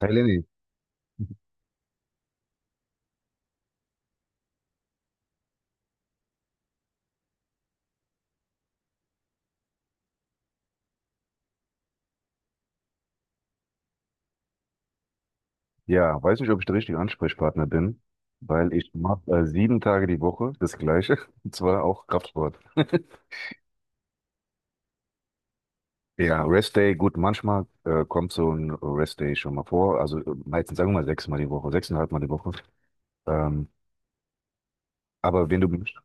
Hey Lenny, ja, weiß nicht, ob ich der richtige Ansprechpartner bin, weil ich mache 7 Tage die Woche das Gleiche, und zwar auch Kraftsport. Ja, Rest Day, gut, manchmal kommt so ein Rest Day schon mal vor, also meistens sagen wir mal sechsmal die Woche, sechseinhalb Mal die Woche. Ähm, aber wenn du möchtest.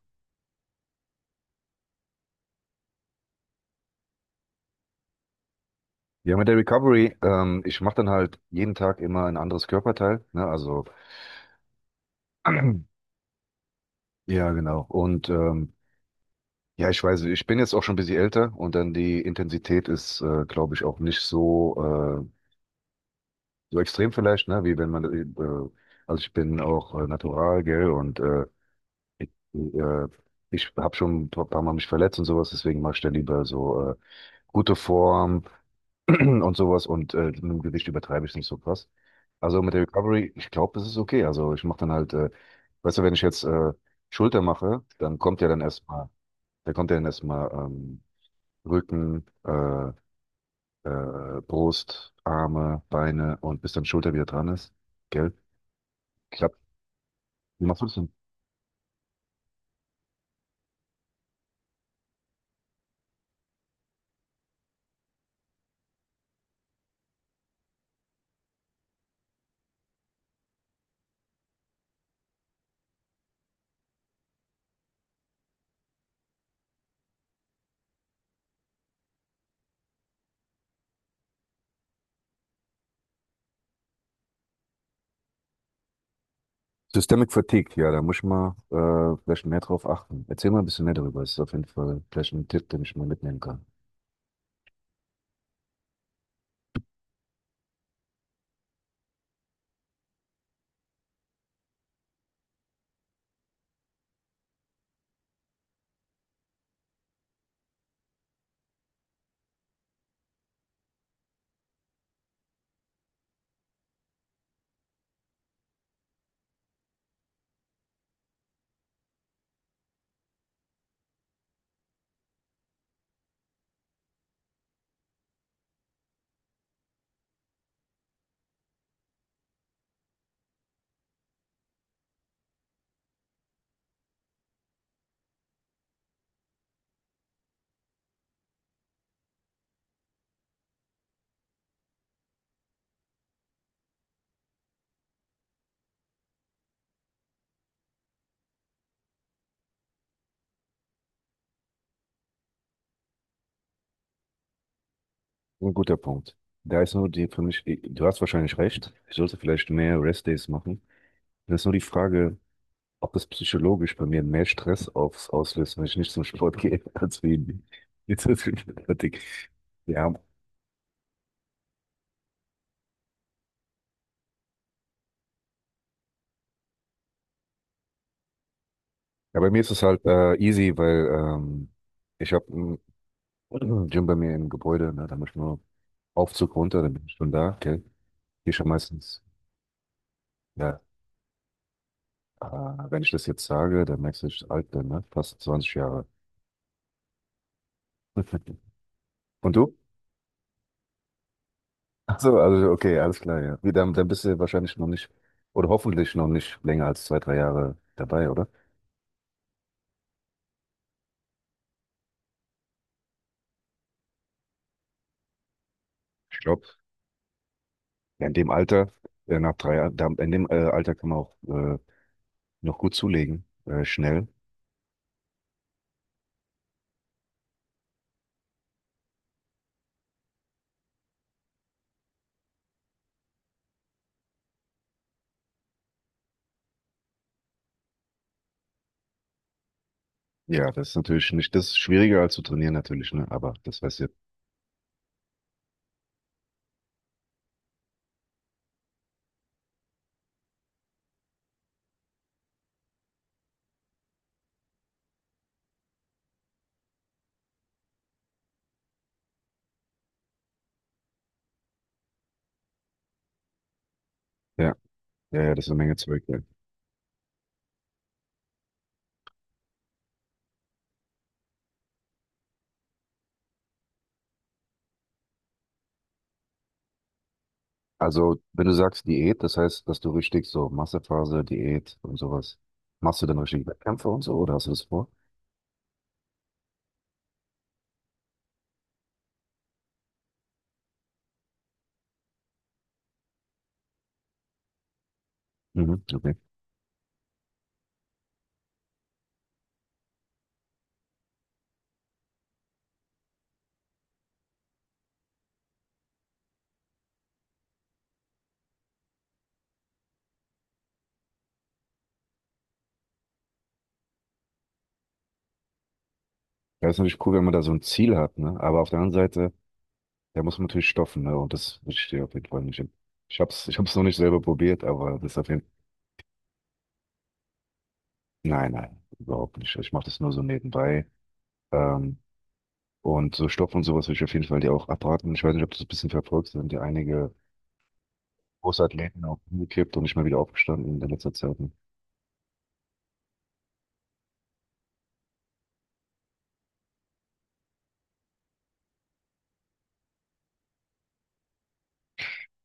Ja, mit der Recovery, ich mache dann halt jeden Tag immer ein anderes Körperteil, ne, also ja, genau. Und ja, ich weiß, ich bin jetzt auch schon ein bisschen älter und dann die Intensität ist, glaube ich, auch nicht äh, so extrem vielleicht, ne, wie wenn man, also ich bin auch natural, gell, und ich, äh, ich habe schon ein paar Mal mich verletzt und sowas, deswegen mache ich da lieber so gute Form und sowas und mit dem Gewicht übertreibe ich es nicht so krass. Also mit der Recovery, ich glaube, das ist okay. Also ich mache dann halt, weißt du, wenn ich jetzt Schulter mache, dann kommt ja dann erstmal, da kommt ja dann erstmal Rücken, Brust, Arme, Beine und bis dann Schulter wieder dran ist, gell? Ich habe Wie machst du das denn? Systemic Fatigue, ja, da muss ich mal vielleicht mehr drauf achten. Erzähl mal ein bisschen mehr darüber. Das ist auf jeden Fall vielleicht ein Tipp, den ich mal mitnehmen kann. Ein guter Punkt. Da ist nur die für mich, du hast wahrscheinlich recht. Ich sollte vielleicht mehr Rest-Days machen. Das ist nur die Frage, ob das psychologisch bei mir mehr Stress aufs auslöst, wenn ich nicht zum Sport gehe, als wegen mit Systemic Fatigue. Ja, ja, bei mir ist es halt easy, weil ich habe ein Gym bei mir im Gebäude, ne, da muss ich nur Aufzug runter, dann bin ich schon da, okay. Hier schon meistens, ja, wenn ich das jetzt sage, dann merkst du, dass ich alt bin, ne? Fast 20 Jahre. Und du? Ach so, also okay, alles klar, ja. Dann, bist du wahrscheinlich noch nicht, oder hoffentlich noch nicht länger als 2, 3 Jahre dabei, oder? Ich glaube, ja, in dem Alter, nach 3 Jahren, in dem Alter kann man auch noch gut zulegen, schnell. Ja, das ist natürlich nicht, das ist schwieriger als zu trainieren natürlich, ne? Aber das weißt du, ja, ja, ja, das ist eine Menge Zeug, ja. Also, wenn du sagst Diät, das heißt, dass du richtig so Massephase, Diät und sowas, machst du dann richtig Wettkämpfe und so oder hast du das vor? Mhm, okay. Ja, ist natürlich cool, wenn man da so ein Ziel hat, ne? Aber auf der anderen Seite, da muss man natürlich stoffen, ne? Und das will ich dir auf jeden Fall nicht hin. Ich hab's, noch nicht selber probiert, aber das ist auf jeden Fall. Nein, nein, überhaupt nicht. Ich mache das nur so nebenbei. Ähm, und so Stoff und sowas will ich auf jeden Fall dir auch abraten. Ich weiß nicht, ob du das ein bisschen verfolgst, da sind ja einige Großathleten auch umgekippt und nicht mal wieder aufgestanden in der letzten Zeit, ne?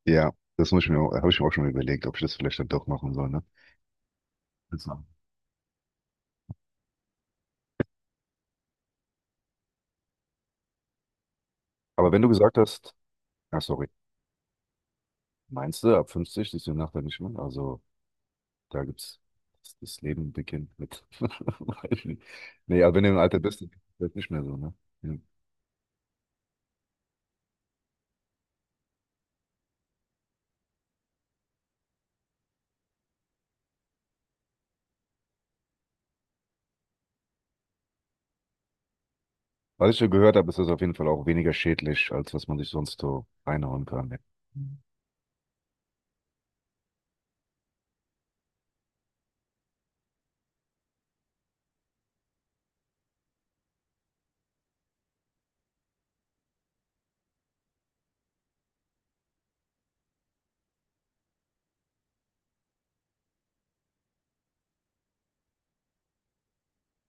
Ja, das muss ich mir, habe ich mir auch schon überlegt, ob ich das vielleicht dann doch machen soll, ne? Also. Aber wenn du gesagt hast, ah, sorry, meinst du, ab 50 ist die Nacht dann nicht mehr? Also, da gibt's, das Leben beginnt mit. Weiß ich nicht. Nee, aber wenn du im Alter bist, dann ist das nicht mehr so, ne? Ja. Was ich ja gehört habe, ist das auf jeden Fall auch weniger schädlich, als was man sich sonst so reinhauen kann, ne?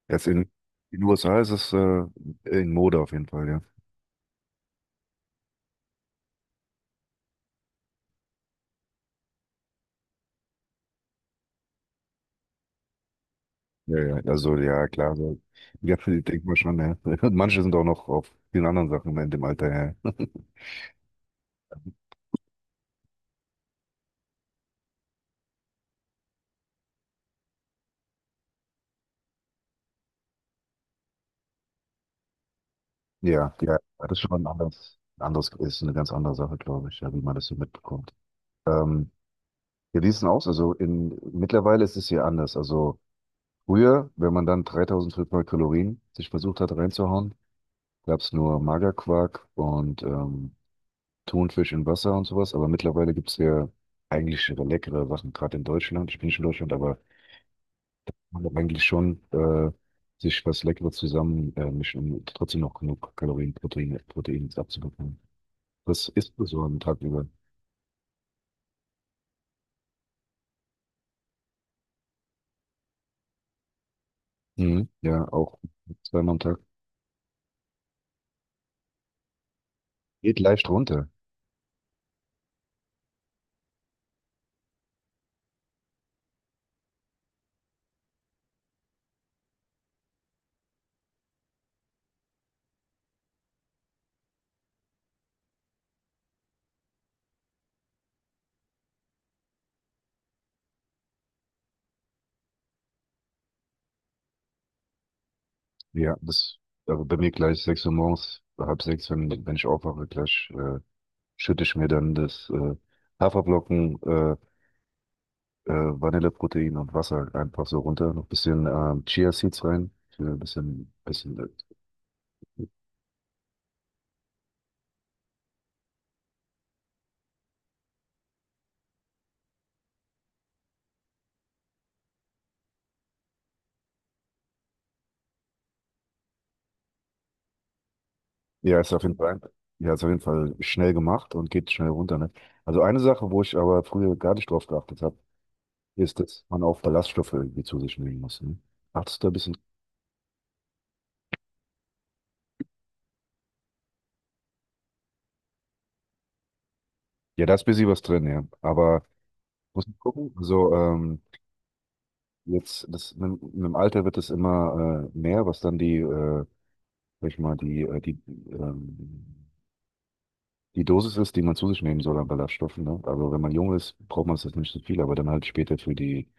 Jetzt in den USA ist es in Mode auf jeden Fall, ja. Ja, ja, also ja, klar. So. Ja, denkt man schon, ja. Und manche sind auch noch auf vielen anderen Sachen in dem Alter, ja. Ja, ja, das ist schon anders. Anders ist eine ganz andere Sache, glaube ich, ja, wie man das so mitbekommt. Ähm, ja, wie ist denn aus? Mittlerweile ist es hier anders. Also früher, wenn man dann 3.500 Kalorien sich versucht hat reinzuhauen, gab es nur Magerquark und Thunfisch in Wasser und sowas. Aber mittlerweile gibt es ja eigentlich leckere Sachen, gerade in Deutschland. Ich bin nicht in Deutschland, aber man hat eigentlich schon sich was Leckeres zusammen mischen, um trotzdem noch genug Kalorien, Proteine, Protein abzubekommen. Das isst man so am Tag über. Mhm. Ja, auch zweimal am Tag. Geht leicht runter. Ja, das, aber bei mir gleich 6 Uhr morgens, halb sechs, wenn ich aufwache, gleich schütte ich mir dann das Haferflocken Vanilleprotein und Wasser halt einfach so runter. Noch ein bisschen Chia Seeds rein. Für ein bisschen. Ja, ist auf jeden Fall, ja, ist auf jeden Fall schnell gemacht und geht schnell runter, ne? Also eine Sache, wo ich aber früher gar nicht drauf geachtet habe, ist, dass man auch Ballaststoffe irgendwie zu sich nehmen muss, ne? Achtest du da ein bisschen? Ja, da ist ein bisschen was drin, ja. Aber muss man gucken. Also. Jetzt, das, mit dem Alter wird es immer mehr, was dann die, sag ich mal, ähm, die Dosis ist, die man zu sich nehmen soll an Ballaststoffen. Ne? Also wenn man jung ist, braucht man es jetzt nicht so viel, aber dann halt später für die,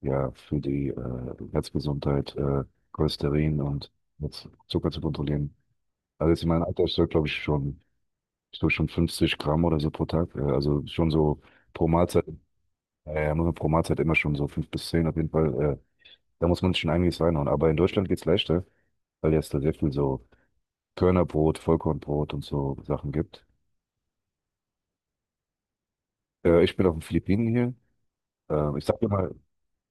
ja, für die Herzgesundheit, Cholesterin und jetzt Zucker zu kontrollieren. Also jetzt in meinem Alter, ich soll schon 50 Gramm oder so pro Tag, also schon so pro Mahlzeit, muss man pro Mahlzeit immer schon so 5 bis 10 auf jeden Fall, da muss man sich schon einiges reinhauen. Aber in Deutschland geht's leichter, weil jetzt da sehr viel so Körnerbrot, Vollkornbrot und so Sachen gibt. Ich bin auf den Philippinen hier. Ich sag dir mal,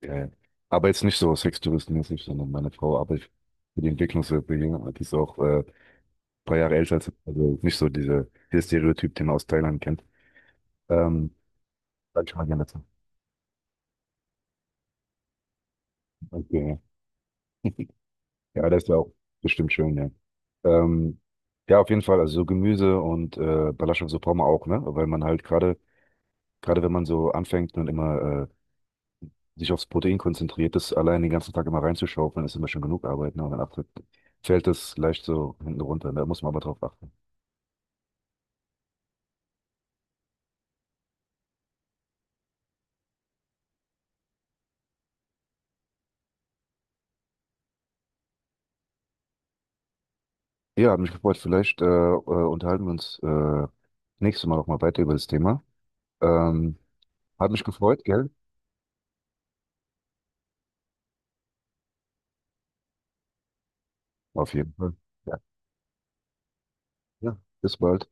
äh, aber jetzt nicht so sextouristenmäßig, sondern meine Frau arbeitet für die Entwicklungshilfe hier. Die ist auch ein paar Jahre älter als ich, also nicht so dieser Stereotyp, den man aus Thailand kennt. Ähm, Sag ich mal gerne dazu. Okay, ja. Ja, das ist ja auch bestimmt schön, ja. Ähm, ja, auf jeden Fall, also so Gemüse und Ballaststoffe, so braucht man auch, ne? Weil man halt gerade wenn man so anfängt und immer sich aufs Protein konzentriert, das allein den ganzen Tag immer reinzuschaufeln, ist immer schon genug Arbeit, ne? Und dann fällt das leicht so hinten runter, ne? Da muss man aber drauf achten. Ja, hat mich gefreut. Vielleicht unterhalten wir uns nächstes Mal nochmal weiter über das Thema. Ähm, Hat mich gefreut, gell? Auf jeden Fall. Ja, ja. Bis bald.